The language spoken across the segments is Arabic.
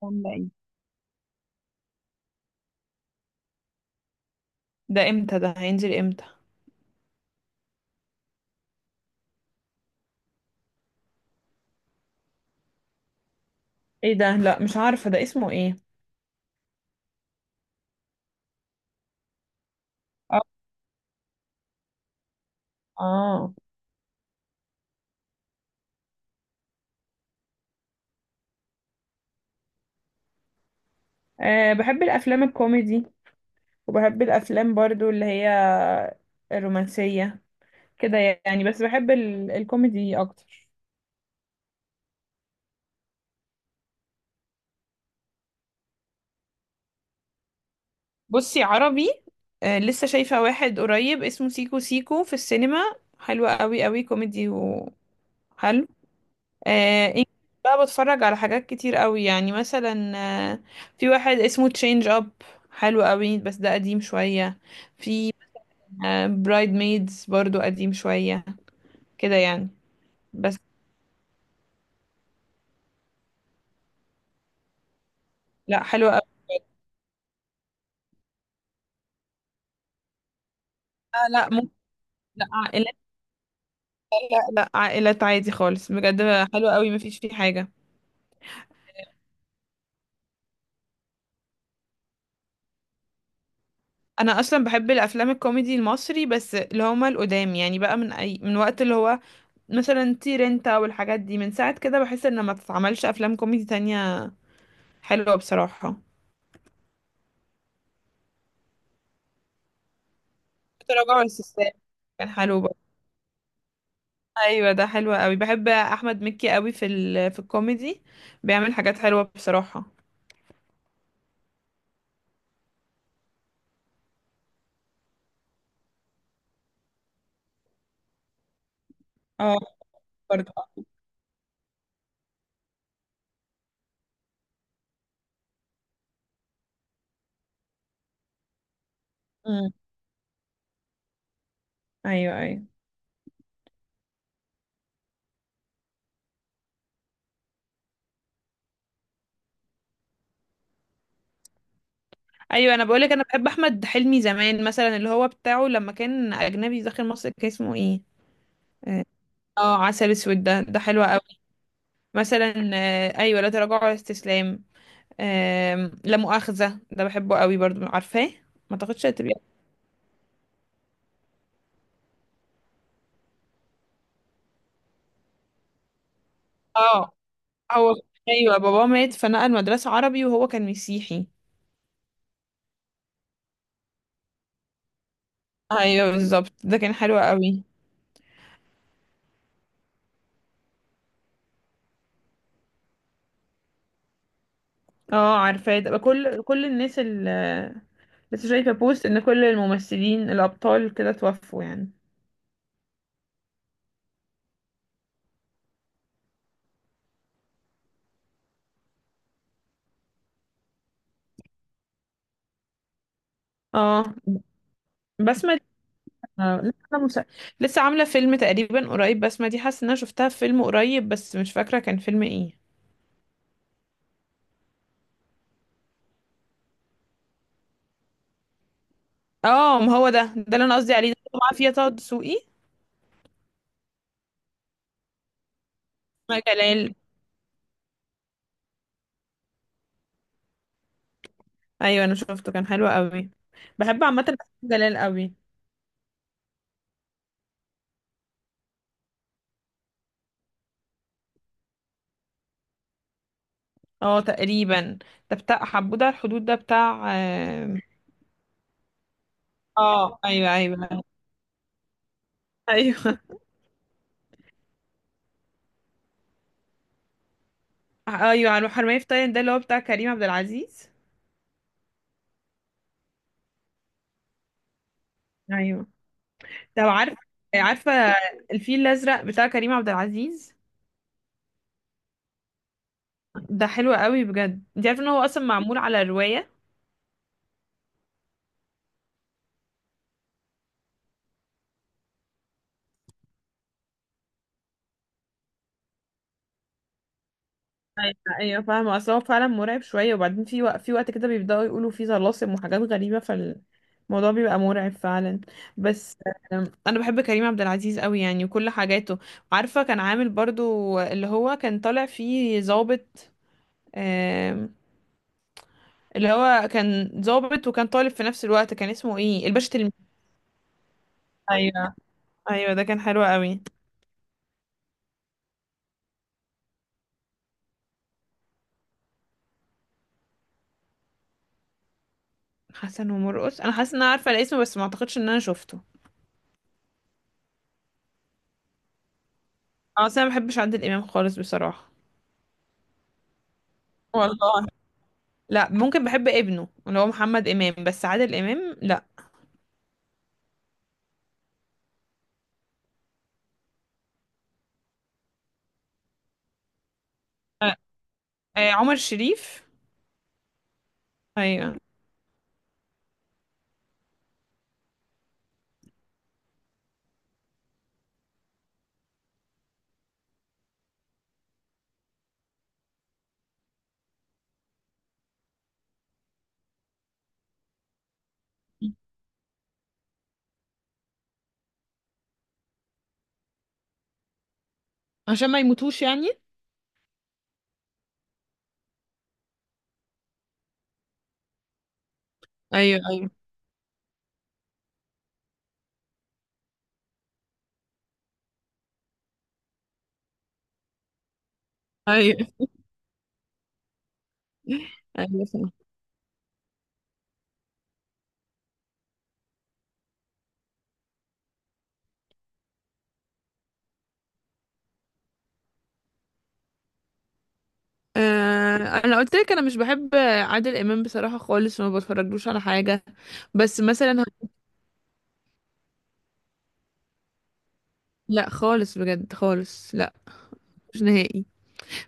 ولا ايه. ده امتى، ده هينزل امتى؟ ايه ده؟ لا مش عارفة ده اسمه ايه. اه. اه. آه، بحب الافلام الكوميدي، وبحب الافلام برضو اللي هي الرومانسية كده يعني. بس بحب الكوميدي اكتر. بصي، عربي: آه لسه شايفة واحد قريب اسمه سيكو سيكو في السينما، حلوة قوي قوي، كوميدي وحلو. آه، انجلش بقى، بتفرج على حاجات كتير قوي، يعني مثلا آه، في واحد اسمه تشينج اب، حلو قوي بس ده قديم شوية. في برايد ميدز، برضو قديم شوية كده يعني. بس لا حلو قوي. آه، لا ممكن. لا عائلات. لا، لا عائلات عادي خالص بجد، حلو قوي مفيش فيه حاجة. انا اصلا بحب الافلام الكوميدي المصري، بس اللي هما القدام يعني، بقى من اي، من وقت اللي هو مثلا تير انت والحاجات دي، من ساعة كده بحس ان ما تتعملش افلام كوميدي تانية حلوة بصراحة. تراجع السيستم. كان حلو برضه. ايوه، ده حلو قوي، بحب احمد مكي قوي في في الكوميدي، بيعمل حاجات حلوة بصراحة. اه، برضه. امم ايوه، ايوه، ايوه، انا بقولك، انا بحب احمد حلمي زمان، مثلا اللي هو بتاعه لما كان اجنبي داخل مصر، كان اسمه ايه؟ اه. آه، عسل اسود، ده حلو قوي. مثلا آه، ايوه، لا تراجع ولا استسلام. آم، لا مؤاخذة، ده بحبه قوي برضه، عارفاه. ما تاخدش تبقى. اه. هو. ايوه، بابا مات فنقل مدرسة عربي، وهو كان مسيحي. ايوه بالظبط، ده كان حلو قوي. اه عارفاه، ده كل الناس اللي لسه شايفة بوست ان كل الممثلين الابطال كده توفوا يعني. اه. بسمة دي- آه، لسه عاملة فيلم تقريبا قريب بسمة دي، حاسة ان انا شفتها في فيلم قريب بس مش فاكرة كان فيلم ايه. اه ما هو ده اللي انا قصدي عليه، ده اللي معاه فيها طه دسوقي. مع جلال. ايوه، انا شفته كان حلو قوي. بحب عامة أفلام جلال قوي. اه تقريبا. ده بتاع حبودة الحدود، ده بتاع اه. آه، ايوه، ايوه. ايوه، ايوه، على الحرمية في تايلاند، ده اللي هو بتاع كريم عبد العزيز. ايوه. طب عارفه. عارفه الفيل الازرق بتاع كريم عبد العزيز؟ ده حلو قوي بجد، انت عارفه ان هو اصلا معمول على رواية. ايوه، ايوه فاهمه، اصل هو فعلا مرعب شويه، وبعدين في وقت، كده بيبداوا يقولوا فيه طلاسم وحاجات غريبه، فالموضوع بيبقى مرعب فعلا. بس آم، انا بحب كريم عبد العزيز قوي يعني، وكل حاجاته. عارفه كان عامل برضو اللي هو كان طالع فيه ضابط، آم، اللي هو كان ضابط وكان طالب في نفس الوقت، كان اسمه ايه؟ الباشا تلميذ. ايوه، ايوه، ده كان حلو قوي. حسن ومرقص، انا حاسه ان انا عارفه الاسم بس ما اعتقدش ان انا شفته. اه، أصل انا ما بحبش عادل امام خالص بصراحه. والله. لا ممكن بحب ابنه اللي هو محمد امام، بس عادل امام لا. آه، عمر شريف. ايوه. عشان ما يموتوش يعني. ايوه، ايوه، ايوه. ايوه فاهمة. آه. انا قلت لك انا مش بحب عادل امام بصراحه خالص، وما بتفرجلوش على حاجه. بس مثلا ه- لا خالص بجد، خالص لا، مش نهائي.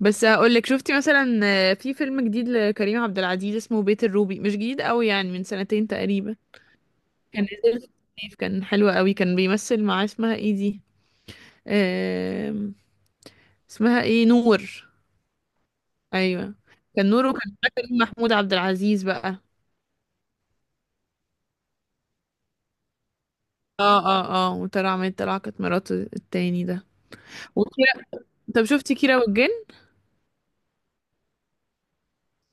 بس هقول لك، شفتي مثلا آه، في فيلم جديد لكريم عبد العزيز اسمه بيت الروبي؟ مش جديد قوي يعني، من سنتين تقريبا، كان نزل في الصيف، كان حلو قوي، كان بيمثل مع اسمها ايه دي، آم، اسمها ايه، نور. ايوه، كان نور، وكان معاه كريم محمود عبد العزيز بقى. اه، اه، اه، وطلع عماد طلع، كانت مراته التاني ده. وكيرا. طب شفتي كيرة والجن؟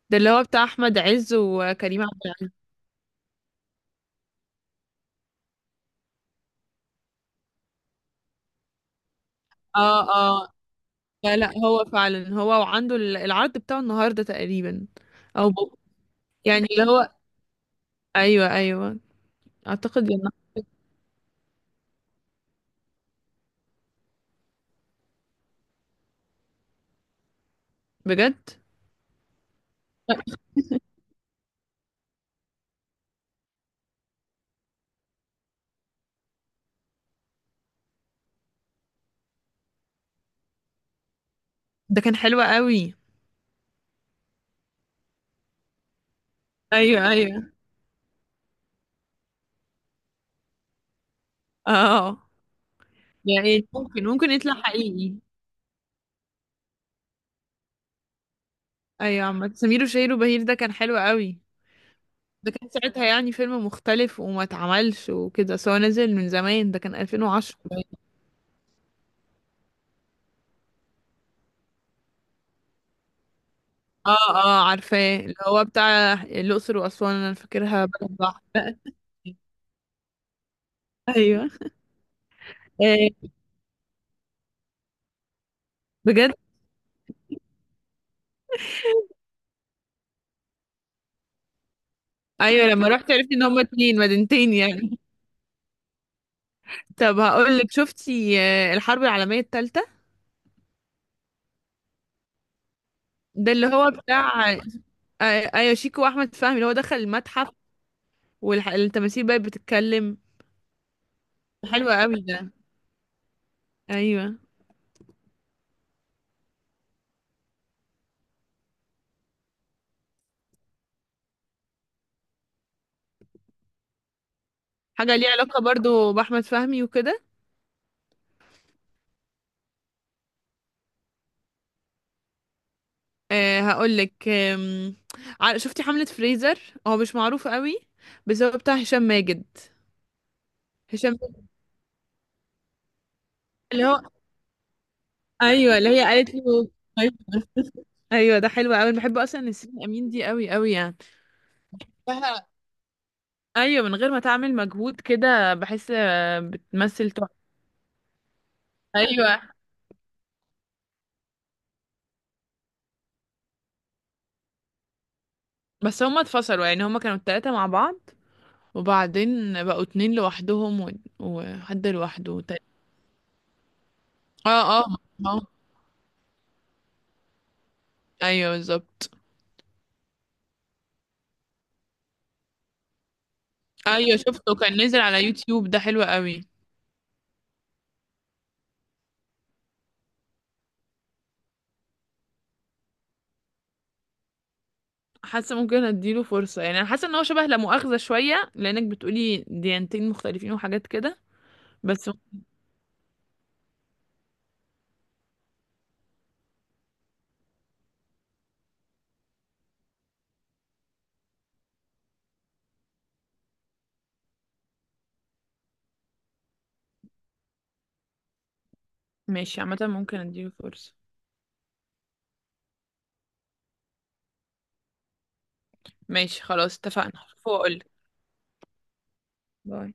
ده اللي هو بتاع احمد عز وكريم عبد العزيز. اه، اه. لا، لا، هو فعلا هو، وعنده العرض بتاعه النهارده تقريبا. او بو- يعني اللي هو، ايوه، ايوه، اعتقد يعني. بجد، ده كان حلو قوي. ايوه، ايوه. اه، يعني ممكن يطلع حقيقي. ايوه، عامة سمير وشهير وبهير ده كان حلو قوي. ده كان ساعتها يعني فيلم مختلف وما اتعملش وكده، بس هو نزل من زمان، ده كان 2010 باين. اه، اه عارفاه، اللي هو بتاع الأقصر وأسوان، انا فاكرها بلد بحر، لا. ايوه. إيه. بجد. ايوه، لما رحت عرفت ان هما اتنين مدينتين يعني. طب هقول لك، شفتي آه، الحرب العالمية الثالثة، ده اللي هو بتاع آه، ايوه، شيكو واحمد فهمي، اللي هو دخل المتحف والتماثيل بقت بتتكلم. حلوة قوي ده. ايوه. حاجة ليها علاقة برضو بأحمد فهمي وكده. أه هقولك آم، شفتي حملة فريزر؟ هو مش معروف قوي، بس هو بتاع هشام ماجد. هشام ماجد. اللي هو. ايوه، اللي هي قالت له طيب. ايوه، ده حلو قوي، أنا بحب اصلا نسرين امين دي قوي قوي يعني. لها- ايوه، من غير ما تعمل مجهود كده، بحس آه، بتمثل تحفة. ايوه. بس هما اتفصلوا يعني، هما كانوا التلاتة مع بعض وبعدين بقوا اتنين لوحدهم، وحد لوحده تاني. اه، اه. آه. ايوه بالظبط. ايوه شفته كان نزل على يوتيوب، ده حلو قوي. حاسه ممكن اديله فرصه يعني، انا حاسه ان هو شبه لا مؤاخذه شويه، لانك بتقولي ديانتين مختلفين وحاجات كده. بس ماشي عامه، ممكن اديله فرصه. ماشي خلاص، اتفقنا هشوفه واقولك. باي